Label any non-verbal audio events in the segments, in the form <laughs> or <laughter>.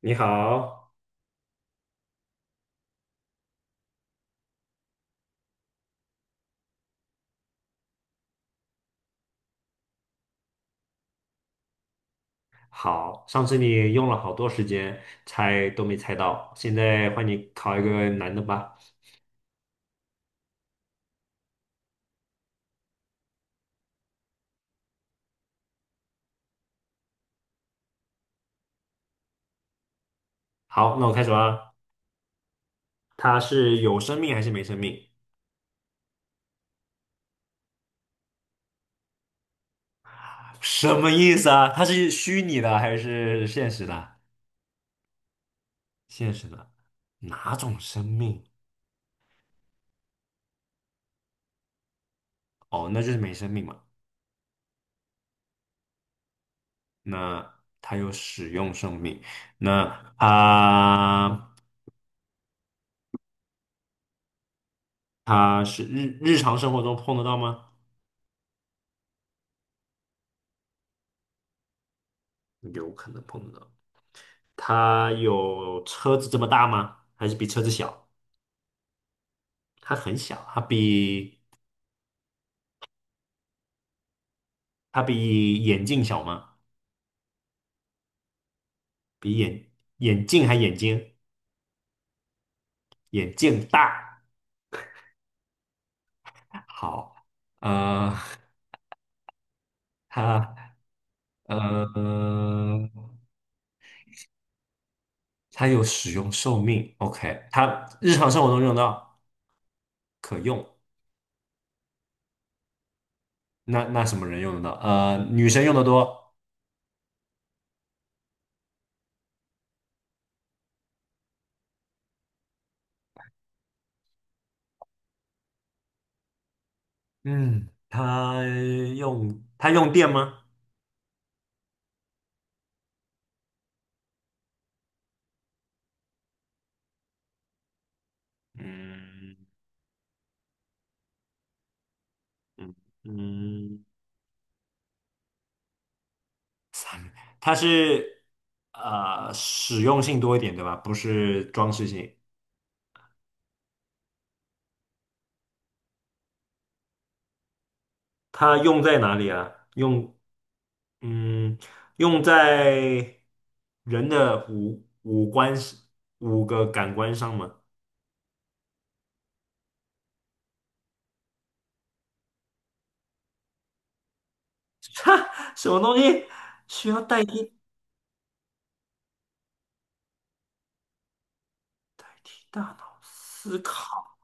你好。好，上次你用了好多时间猜都没猜到，现在换你考一个难的吧。好，那我开始啦。它是有生命还是没生命？<laughs> 什么意思啊？它是虚拟的还是现实的？现实的，哪种生命？哦，那就是没生命嘛。那它有使用生命，那它它是日常生活中碰得到吗？有可能碰得到。它有车子这么大吗？还是比车子小？它很小，它比眼镜小吗？比眼眼镜还眼睛？眼镜大。好，呃，它呃它有使用寿命，OK，它日常生活中用得到，可用。那什么人用得到？女生用的多。嗯，它用电吗？嗯嗯嗯。它是实用性多一点，对吧？不是装饰性。它用在哪里啊？嗯，用在人的五个感官上吗？<laughs> 哈，什么东西需要代替大脑思考？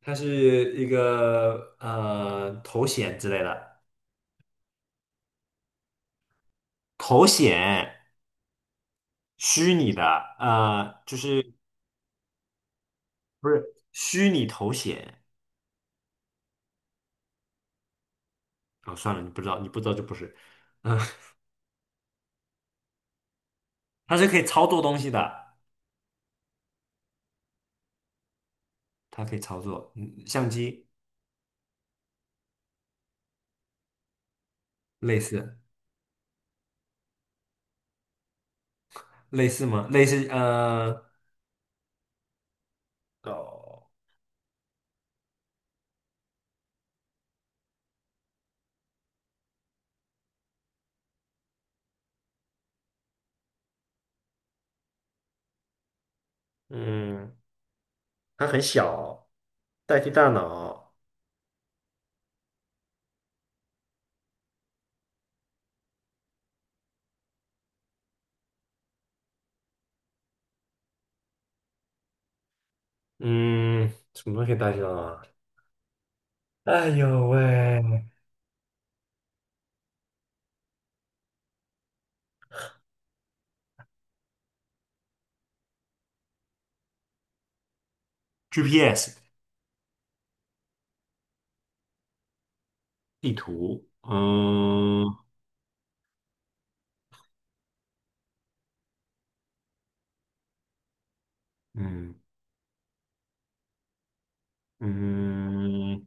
它是一个头显之类的，头显虚拟的，就不是虚拟头显。哦，算了，你不知道，你不知道就不是。嗯，<laughs> 它是可以操作东西的，它可以操作，嗯，相机类似类似吗？类似哦，嗯，它很小，代替大脑。嗯，什么东西可以代替大脑啊？哎呦喂，GPS 地图，嗯嗯嗯，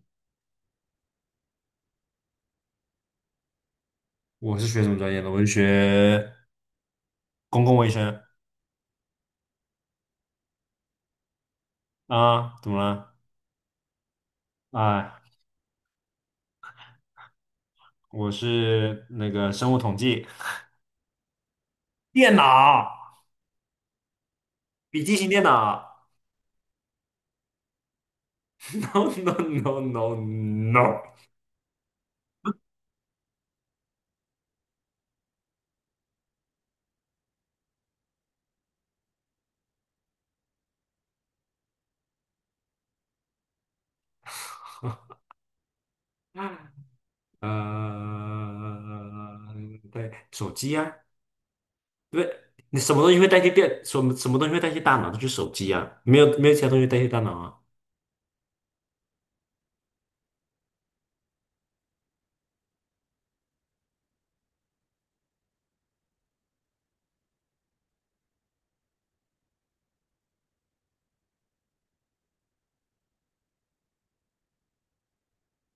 我是学什么专业的？我是学公共卫生。啊，怎么了？哎。我是那个生物统计，电脑，笔记型电脑。<laughs> No no no no no。呃，对，手机啊，对，你什么东西会代替电？什么东西会代替大脑？就是手机啊，没有其他东西代替大脑啊。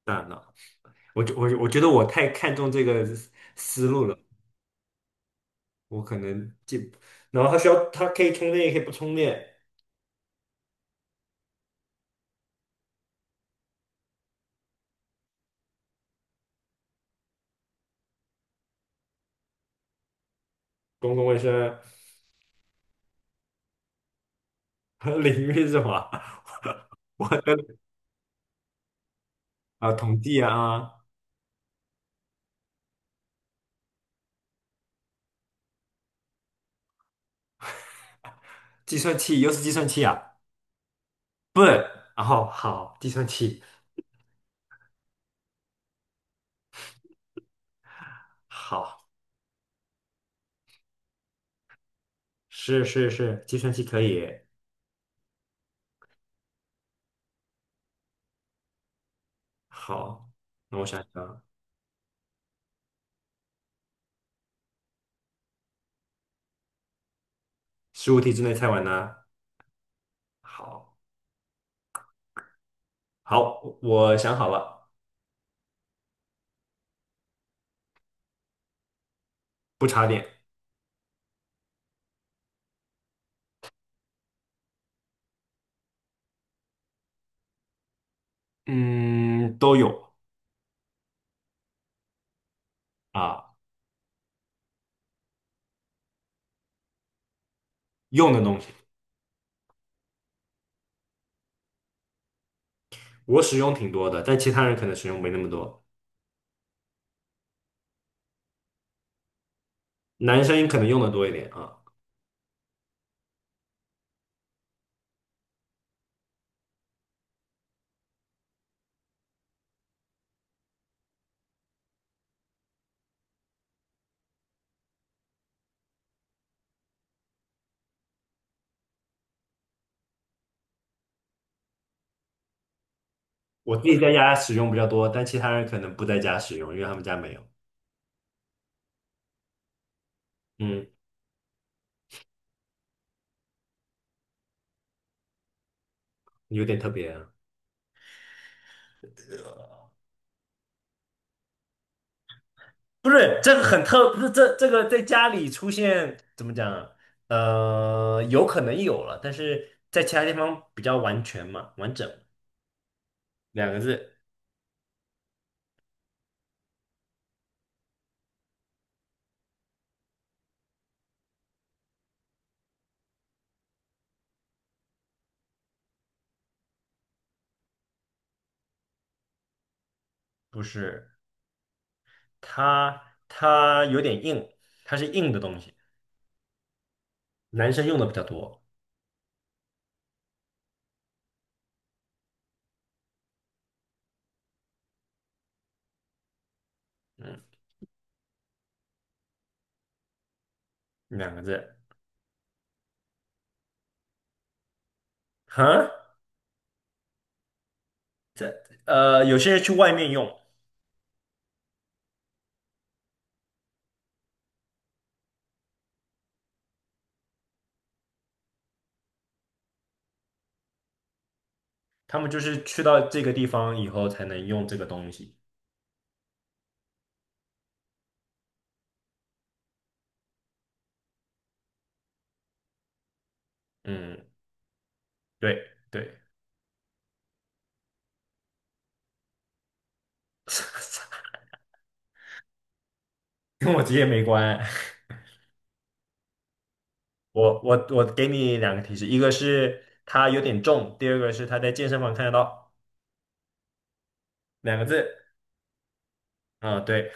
大脑，我觉得我太看重这个思路了，我可能记。然后它需要，它可以充电，也可以不充电。公共卫生。 <laughs> 领域是什么？<laughs> 我啊，统计啊，计算器又是计算器啊，笨，然后好，计算器好，是是是，计算器可以，好，那我想想，15题之内猜完呢，好，好，我想好了，不插电，嗯，都有啊，用的东西，我使用挺多的，但其他人可能使用没那么多，男生可能用的多一点啊，我自己在家使用比较多，但其他人可能不在家使用，因为他们家没有，嗯，有点特别。不是这个很特，不是这个在家里出现怎么讲啊？有可能有了，但是在其他地方比较完全嘛，完整两个字，不是它有点硬，它是硬的东西，男生用的比较多，嗯，两个字，哈，这有些人去外面用，他们就是去到这个地方以后才能用这个东西，嗯，对对，<laughs> 跟我职业没关，我给你两个提示，一个是它有点重，第二个是它在健身房看得到，两个字。啊，对，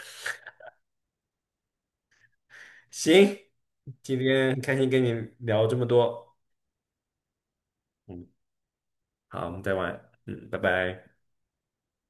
行，今天很开心跟你聊这么多。嗯，好，我们再玩。嗯，拜拜。